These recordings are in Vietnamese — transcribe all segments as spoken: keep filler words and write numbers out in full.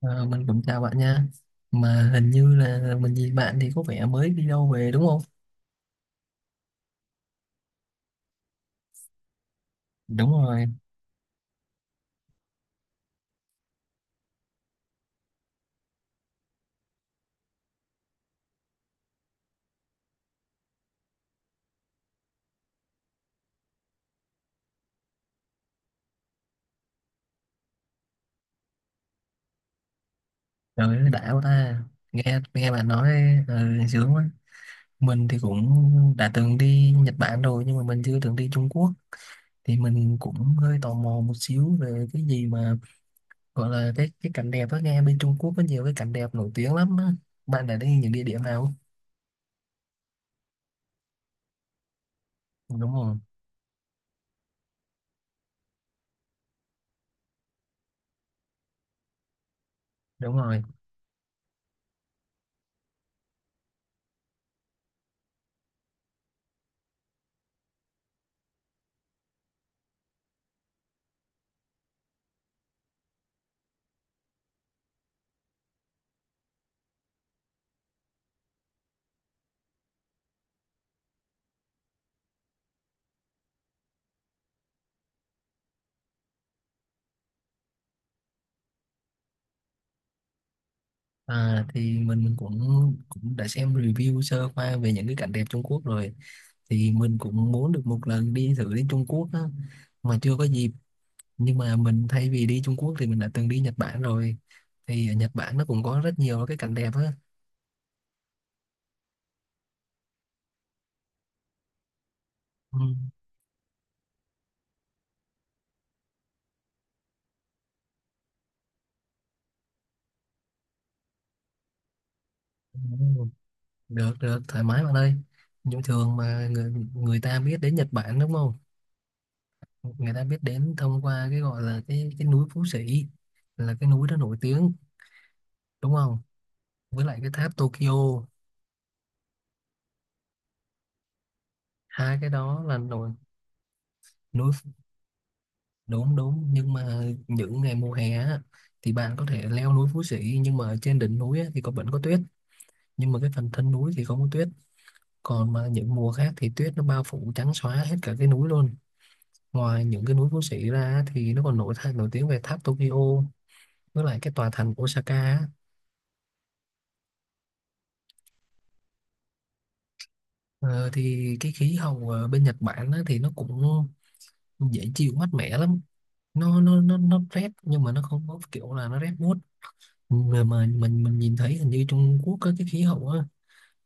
Ờ, mình cũng chào bạn nha, mà hình như là mình gì bạn thì có vẻ mới đi đâu về đúng không? Đúng rồi. Trời ơi đã quá ta, nghe nghe bạn nói. ờ, Sướng quá. Mình thì cũng đã từng đi Nhật Bản rồi nhưng mà mình chưa từng đi Trung Quốc, thì mình cũng hơi tò mò một xíu về cái gì mà gọi là cái cái cảnh đẹp á, nghe bên Trung Quốc có nhiều cái cảnh đẹp nổi tiếng lắm á. Bạn đã đi những địa điểm nào? Đúng rồi, đúng rồi. À, thì mình mình cũng cũng đã xem review sơ qua về những cái cảnh đẹp Trung Quốc rồi, thì mình cũng muốn được một lần đi thử đến Trung Quốc á mà chưa có dịp. Nhưng mà mình thay vì đi Trung Quốc thì mình đã từng đi Nhật Bản rồi, thì ở Nhật Bản nó cũng có rất nhiều cái cảnh đẹp á. Ừ. Ừ, được được thoải mái bạn ơi. Nhưng thường mà người người ta biết đến Nhật Bản đúng không, người ta biết đến thông qua cái gọi là cái cái núi Phú Sĩ, là cái núi đó nổi tiếng đúng không, với lại cái tháp Tokyo. Hai cái đó là đồi núi. Đúng đúng, nhưng mà những ngày mùa hè á, thì bạn có thể leo núi Phú Sĩ nhưng mà trên đỉnh núi á, thì có vẫn có tuyết, nhưng mà cái phần thân núi thì không có tuyết. Còn mà những mùa khác thì tuyết nó bao phủ trắng xóa hết cả cái núi luôn. Ngoài những cái núi Phú Sĩ ra á, thì nó còn nổi thay nổi tiếng về tháp Tokyo với lại cái tòa thành Osaka á. ờ, thì cái khí hậu ở bên Nhật Bản á, thì nó cũng dễ chịu mát mẻ lắm. Nó nó nó nó rét nhưng mà nó không có kiểu là nó rét buốt, mà mà mình mình nhìn thấy hình như Trung Quốc có cái khí hậu á,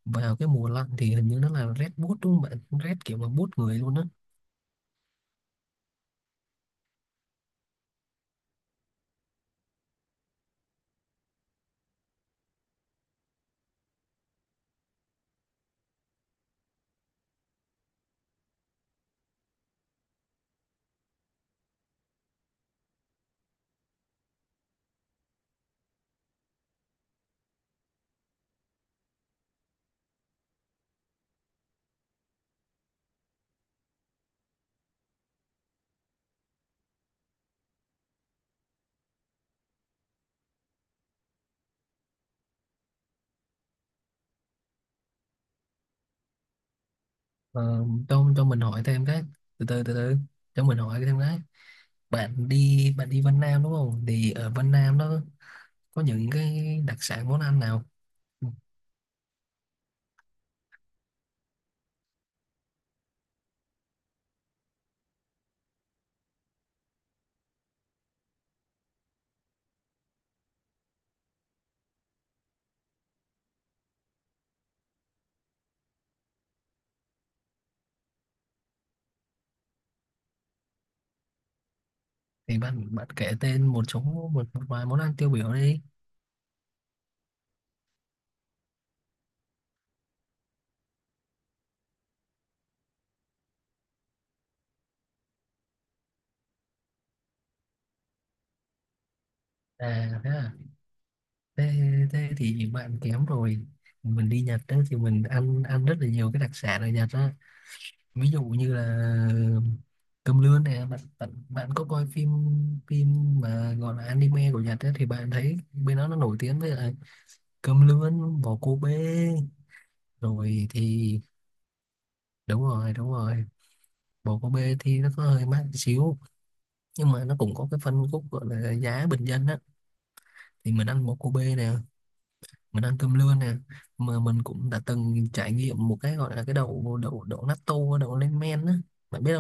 vào cái mùa lạnh thì hình như nó là rét buốt đúng không bạn? Rét kiểu mà buốt người luôn á. ờ, cho cho mình hỏi thêm cái, từ từ từ từ, cho mình hỏi thêm cái, bạn đi bạn đi Vân Nam đúng không, thì ở Vân Nam nó có những cái đặc sản món ăn nào? Ừ, thì bạn bạn kể tên một số, một, một vài món ăn tiêu biểu đi. À thế à. Thế, thế thì bạn kém rồi. Mình đi Nhật đó thì mình ăn ăn rất là nhiều cái đặc sản ở Nhật đó, ví dụ như là cơm lươn này. Bạn bạn bạn có coi phim, phim mà gọi là anime của Nhật ấy, thì bạn thấy bên đó nó nổi tiếng với lại cơm lươn bò cô bê, rồi thì đúng rồi, đúng rồi. Bò cô bê thì nó có hơi mắc xíu, nhưng mà nó cũng có cái phân khúc gọi là giá bình dân á, thì mình ăn bò cô bê nè, mình ăn cơm lươn nè, mà mình cũng đã từng trải nghiệm một cái gọi là cái đậu đậu đậu natto, đậu lên men á. Bạn biết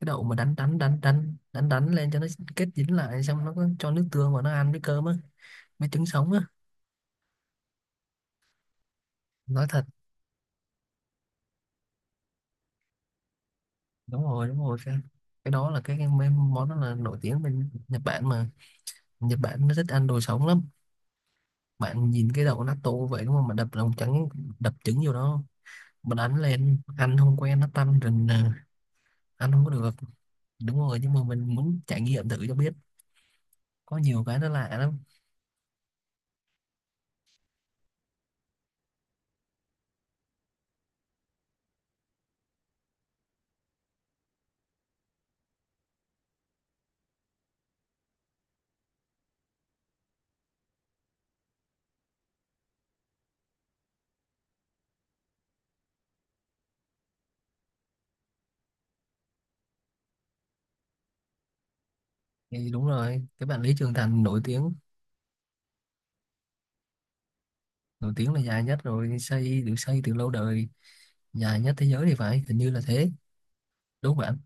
cái đậu mà đánh đánh đánh đánh đánh đánh lên cho nó kết dính lại, xong nó có cho nước tương vào nó ăn với cơm á, với trứng sống á. Nói thật, đúng rồi đúng rồi, cái, cái đó là cái, cái mê- món đó là nổi tiếng bên Nhật Bản mà. Nhật Bản nó thích ăn đồ sống lắm. Bạn nhìn cái đậu natto vậy đúng không, mà đập lòng trắng, đập trứng vô đó mà đánh lên, ăn không quen nó tanh rình à, ăn không có được. Đúng rồi nhưng mà mình muốn trải nghiệm thử cho biết, có nhiều cái nó lạ lắm. Thì đúng rồi cái bạn Lý Trường Thành nổi tiếng, nổi tiếng là dài nhất, rồi xây được xây từ lâu đời, dài nhất thế giới thì phải, hình như là thế đúng không bạn?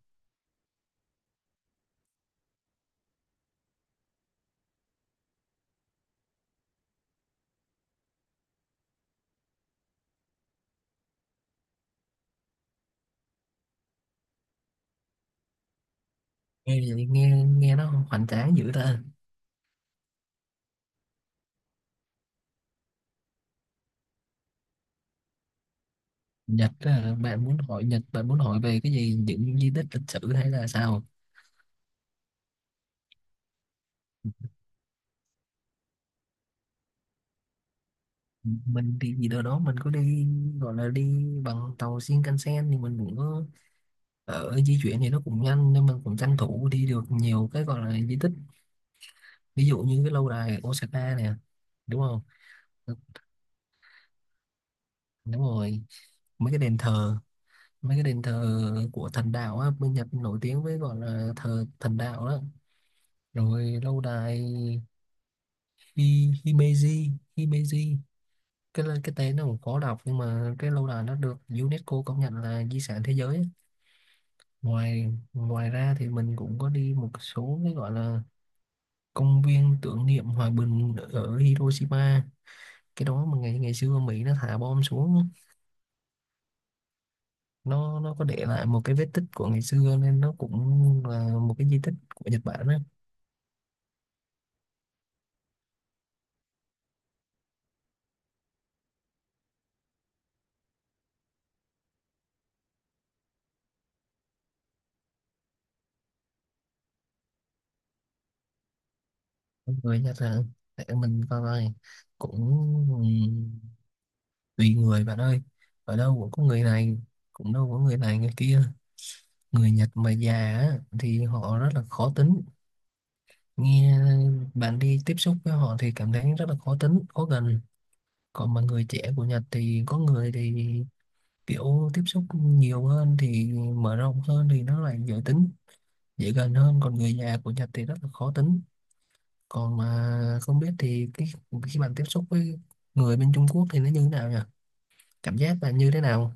Nghe vậy nghe nghe nó hoành tráng dữ ta. Nhật á, bạn muốn hỏi Nhật, bạn muốn hỏi về cái gì, những di tích lịch sử hay là sao? Mình đi gì đâu đó, mình có đi gọi là đi bằng tàu Shinkansen thì mình cũng có ở di chuyển thì nó cũng nhanh, nên mình cũng tranh thủ đi được nhiều cái gọi là di tích, ví dụ như cái lâu đài Osaka nè, đúng không? Đúng rồi. Mấy cái đền thờ, mấy cái đền thờ của thần đạo á, bên Nhật nổi tiếng với gọi là thờ thần đạo đó. Rồi lâu đài Hi, Himeji, Himeji, cái là- cái tên nó cũng khó đọc nhưng mà cái lâu đài nó được UNESCO công nhận là di sản thế giới á. Ngoài Ngoài ra thì mình cũng có đi một số cái gọi là công viên tưởng niệm hòa bình ở Hiroshima, cái đó mà ngày ngày xưa Mỹ nó thả bom xuống, nó nó có để lại một cái vết tích của ngày xưa nên nó cũng là một cái di tích của Nhật Bản á. Mọi người nhắc là để mình coi coi, cũng tùy người bạn ơi, ở đâu cũng có người này, cũng đâu có người này người kia. Người Nhật mà già á, thì họ rất là khó tính. Nghe bạn đi tiếp xúc với họ thì cảm thấy rất là khó tính khó gần. Còn mà người trẻ của Nhật thì có người thì kiểu tiếp xúc nhiều hơn thì mở rộng hơn thì nó lại dễ tính, dễ gần hơn. Còn người già của Nhật thì rất là khó tính. Còn mà không biết thì cái khi bạn tiếp xúc với người bên Trung Quốc thì nó như thế nào nhỉ, cảm giác là như thế nào?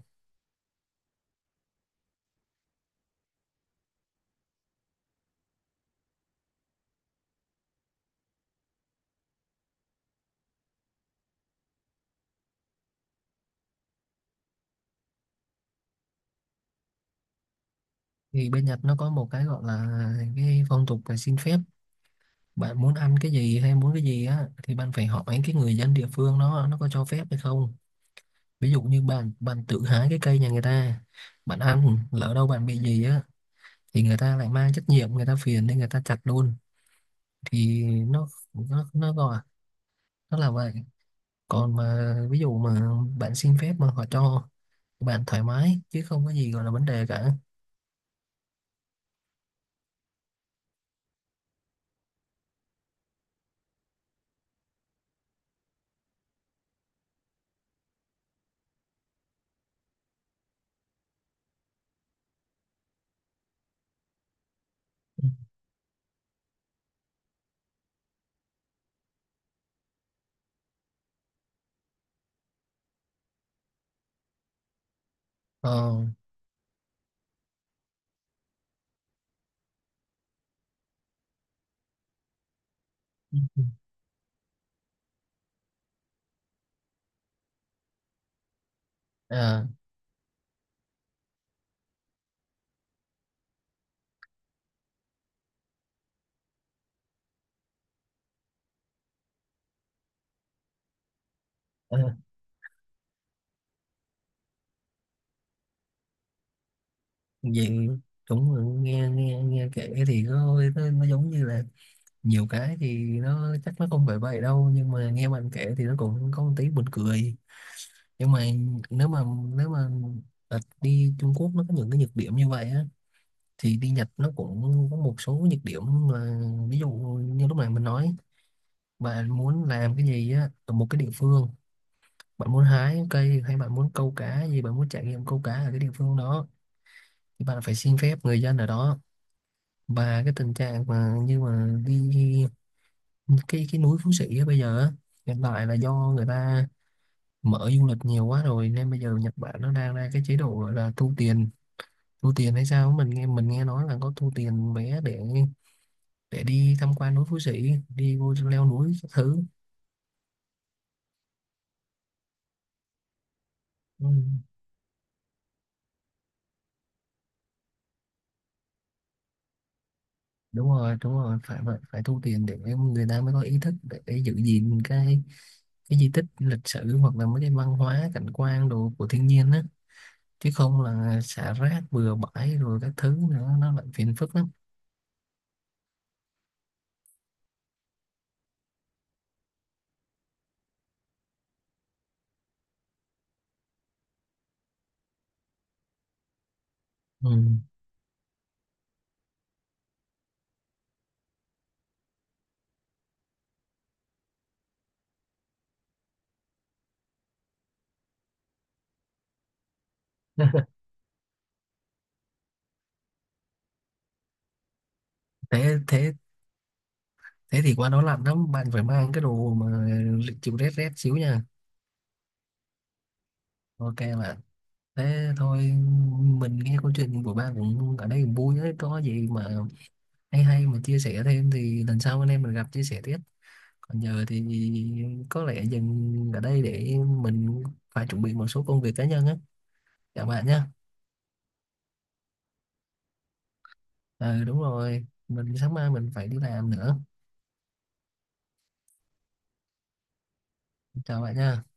Thì bên Nhật nó có một cái gọi là cái phong tục là xin phép, bạn muốn ăn cái gì hay muốn cái gì á thì bạn phải hỏi cái người dân địa phương, nó nó có cho phép hay không. Ví dụ như bạn bạn tự hái cái cây nhà người ta, bạn ăn lỡ đâu bạn bị gì á, thì người ta lại mang trách nhiệm, người ta phiền nên người ta chặt luôn. Thì nó nó nó gọi nó là vậy. Còn mà ví dụ mà bạn xin phép mà họ cho, bạn thoải mái chứ không có gì gọi là vấn đề cả. Ờ. À, ờ. Vậy, cũng là nghe nghe nghe kể thì nó, nó nó giống như là nhiều cái thì nó chắc nó không phải vậy đâu, nhưng mà nghe bạn kể thì nó cũng có một tí buồn cười. Nhưng mà nếu mà nếu mà ờ, đi Trung Quốc nó có những cái nhược điểm như vậy á, thì đi Nhật nó cũng có một số nhược điểm, là ví dụ như lúc này mình nói, bạn muốn làm cái gì á ở một cái địa phương, bạn muốn hái cây hay bạn muốn câu cá gì, bạn muốn trải nghiệm câu cá ở cái địa phương đó, thì bạn phải xin phép người dân ở đó. Và cái tình trạng mà như mà đi cái cái núi Phú Sĩ á bây giờ á, hiện tại là do người ta mở du lịch nhiều quá rồi, nên bây giờ Nhật Bản nó đang ra cái chế độ gọi là thu tiền, thu tiền hay sao á, mình nghe, mình nghe nói là có thu tiền vé để để đi tham quan núi Phú Sĩ, đi vô leo núi các thứ. Ừ. Đúng rồi đúng rồi, phải vậy, phải thu tiền để người ta mới có ý thức để để giữ gìn cái cái di tích lịch sử hoặc là mấy cái văn hóa cảnh quan đồ của thiên nhiên á, chứ không là xả rác bừa bãi rồi các thứ nữa nó lại phiền phức lắm. Ừ. thế Thế, thế thì qua đó lạnh lắm, bạn phải mang cái đồ mà chịu rét, rét xíu nha. Ok bạn, thế thôi, mình nghe câu chuyện của bạn cũng ở đây cũng vui đấy, có gì mà hay hay mà chia sẻ thêm thì lần sau anh em mình gặp chia sẻ tiếp. Còn giờ thì có lẽ dừng ở đây để mình phải chuẩn bị một số công việc cá nhân á, chào bạn nhé. Ừ đúng rồi, mình sáng mai mình phải đi làm nữa. Chào bạn nha.